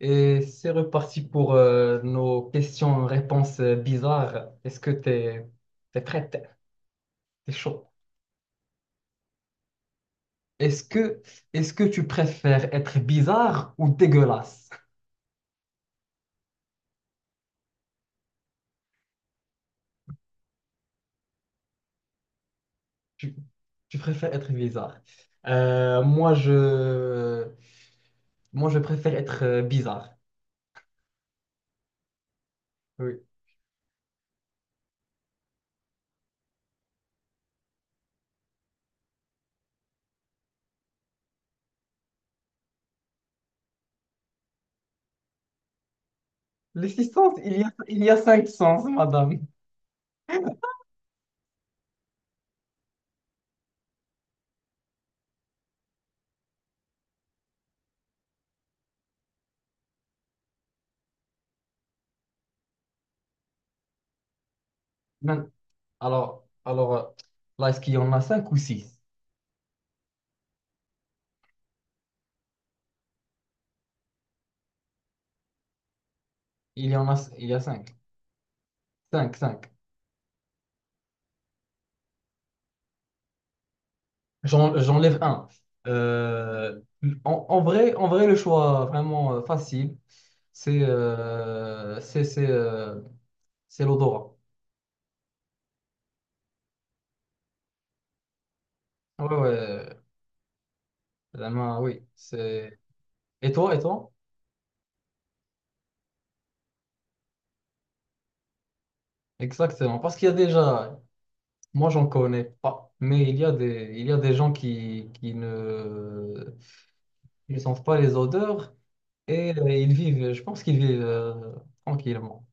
Et c'est reparti pour nos questions-réponses bizarres. Est-ce que t'es prête? T'es chaud. Est-ce que est-ce que tu préfères être bizarre ou dégueulasse? Tu, tu préfères être bizarre. Euh, moi je moi je préfère être bizarre. Oui. Les six sens, il y a cinq sens, madame. Man- alors, là est-ce qu'il y en a cinq ou six? Il y a cinq. Cinq, cinq. J'enlève un. Euh, en vrai, le choix vraiment facile, c'est euh, c'est c'est euh, c'est l'odorat. Ouais, ouais, la main, oui. Et toi? Exactement. Parce qu'il y a déjà, moi, j'en connais pas, mais il y a des gens qui ne sentent pas les odeurs et je pense qu'ils vivent tranquillement.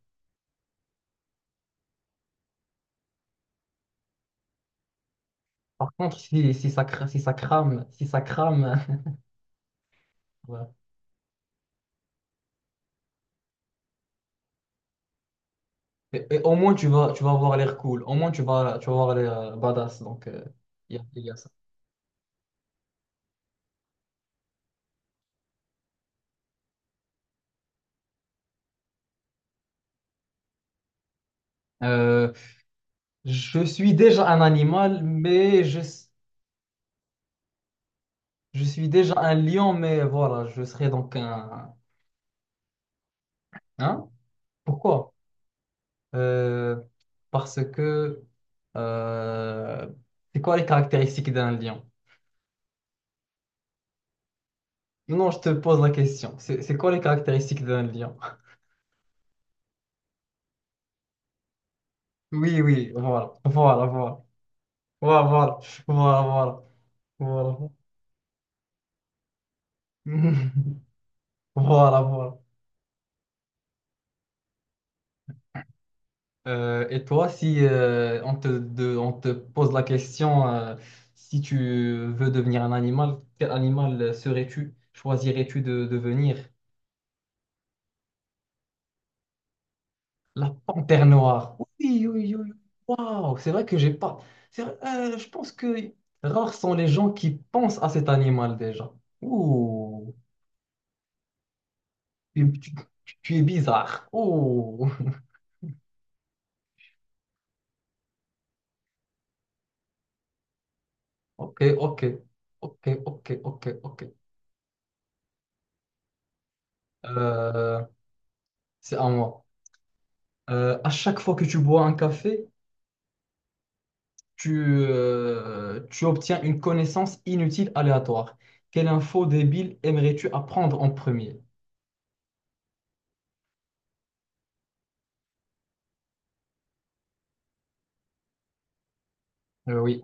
Par contre, si ça crame. Et au moins, tu vas avoir l'air cool. Au moins, tu vas avoir l'air badass. Donc, il y a ça. Euh, je suis déjà un animal, mais je suis déjà un lion, mais voilà, je serai donc un... Hein? Pourquoi? Euh, Parce que euh, c'est quoi les caractéristiques d'un lion? Non, je te pose la question. C'est quoi les caractéristiques d'un lion? Oui, oui, voilà, voilà, voilà, voilà, voilà, voilà, voilà. Voilà. Voilà, voilà. Et toi, si on te pose la question, si tu veux devenir un animal, quel animal serais-tu? Choisirais-tu de devenir? La panthère noire. Oui, oui, oui. Waouh, c'est vrai que j'ai pas. C'est vrai, je pense que rares sont les gens qui pensent à cet animal déjà. Ouh, tu, tu- tu es bizarre. Ouh. Ok, ok, ok, ok, ok, ok. Euh, c'est à moi. À chaque fois que tu bois un café, tu obtiens une connaissance inutile aléatoire. Quelle info débile aimerais-tu apprendre en premier? Oui.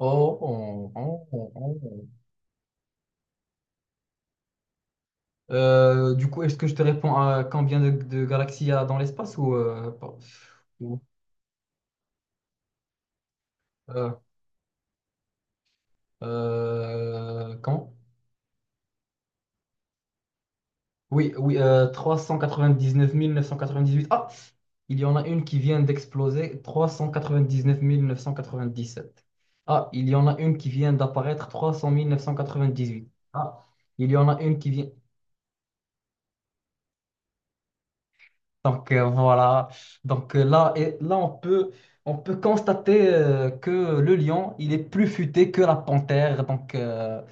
Oh, oh, oh, oh, oh. Du coup, est-ce que je te réponds à combien de galaxies il y a dans l'espace ou ou euh, comment? Oui, oui, 18. Ah, il y en a une qui vient d'exploser. Trois cent cent quatre-vingt-dix-neuf quatre-vingt-dix-sept. 9 000. Ah, il y en a une qui vient d'apparaître. Trois cent cent mille neuf cent quatre-vingt-dix-huit. Ah, il y en a une qui vient. Donc, voilà. Donc, là on peut constater que le lion, il est plus futé que la panthère. Donc,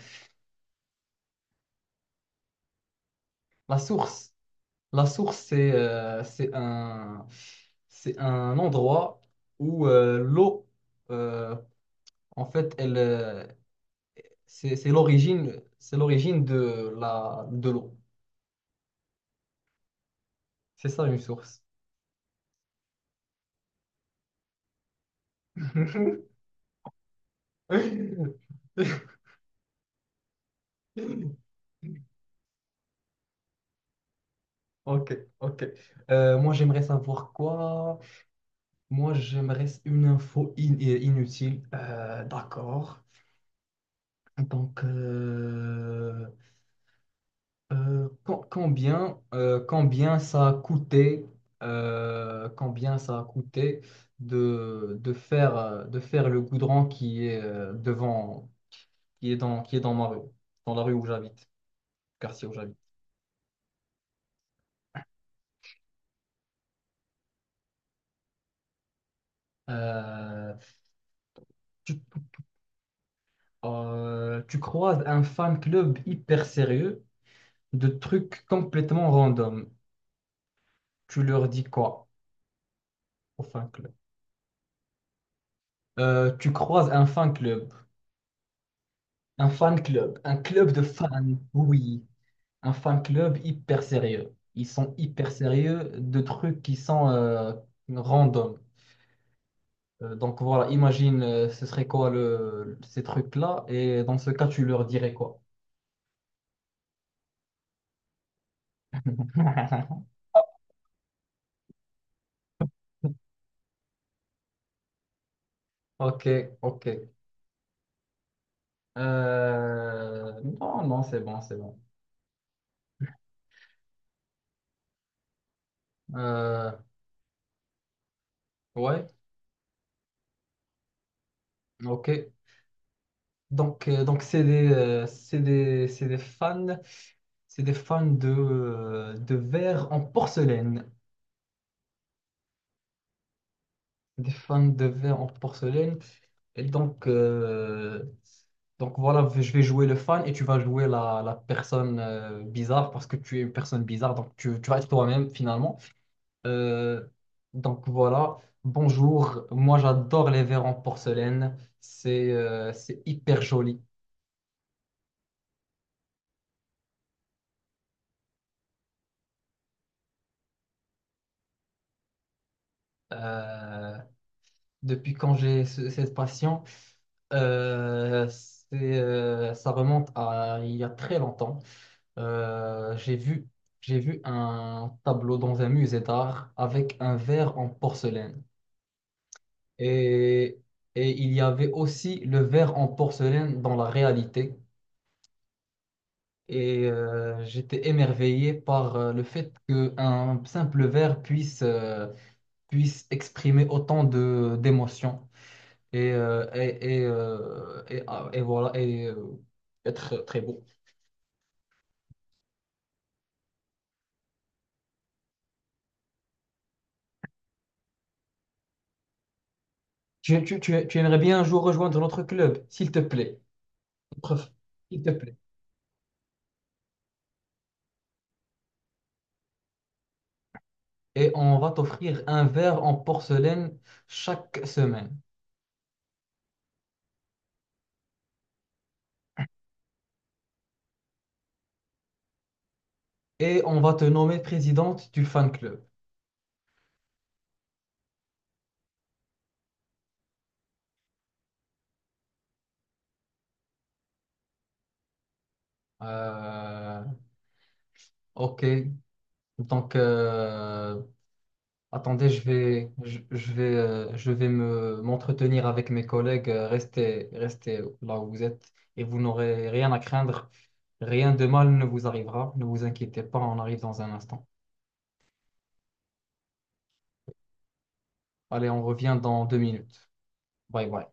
la source. La source, c'est c'est un endroit où l'eau, euh, en fait, elle, c'est l'origine, c'est l'origine de l'eau. C'est ça une source. Ok, ok. Moi, j'aimerais savoir quoi? Moi, j'aimerais une info inutile. D'accord. Donc, combien ça a coûté, combien ça a coûté de faire le goudron qui est devant, qui est dans ma rue, dans la rue où j'habite, quartier où j'habite. Euh, tu, Tu croises un fan club hyper sérieux de trucs complètement random. Tu leur dis quoi au fan club? Tu croises un fan club, un club de fans, oui. Un fan club hyper sérieux. Ils sont hyper sérieux de trucs qui sont random. Donc voilà, imagine, ce serait quoi ces trucs-là, et dans ce cas, tu leur dirais quoi? Ok, ok. Non, non, c'est bon, c'est bon. Euh, ouais, ok. Donc, c'est des fans de verre en porcelaine. Des fans de verre en porcelaine. Et donc, voilà, je vais jouer le fan et tu vas jouer la personne bizarre parce que tu es une personne bizarre, donc tu vas être toi-même finalement. Euh, donc voilà, bonjour, moi j'adore les verres en porcelaine, c'est hyper joli. Euh, Depuis quand j'ai cette passion, euh, c'est, ça remonte à il y a très longtemps. Euh, j'ai vu, j'ai vu un tableau dans un musée d'art avec un verre en porcelaine. Et, et il y avait aussi le verre en porcelaine dans la réalité. Et j'étais émerveillé par le fait qu'un simple verre puisse exprimer autant d'émotions. Et voilà, être très beau. Tu aimerais bien un jour rejoindre notre club, s'il te plaît. Prof, S'il te plaît. Et on va t'offrir un verre en porcelaine chaque semaine. Et on va te nommer présidente du fan club. Euh, ok. Donc, attendez, je vais m'entretenir avec mes collègues. Restez là où vous êtes et vous n'aurez rien à craindre. Rien de mal ne vous arrivera. Ne vous inquiétez pas, on arrive dans un instant. Allez, on revient dans 2 minutes. Bye bye.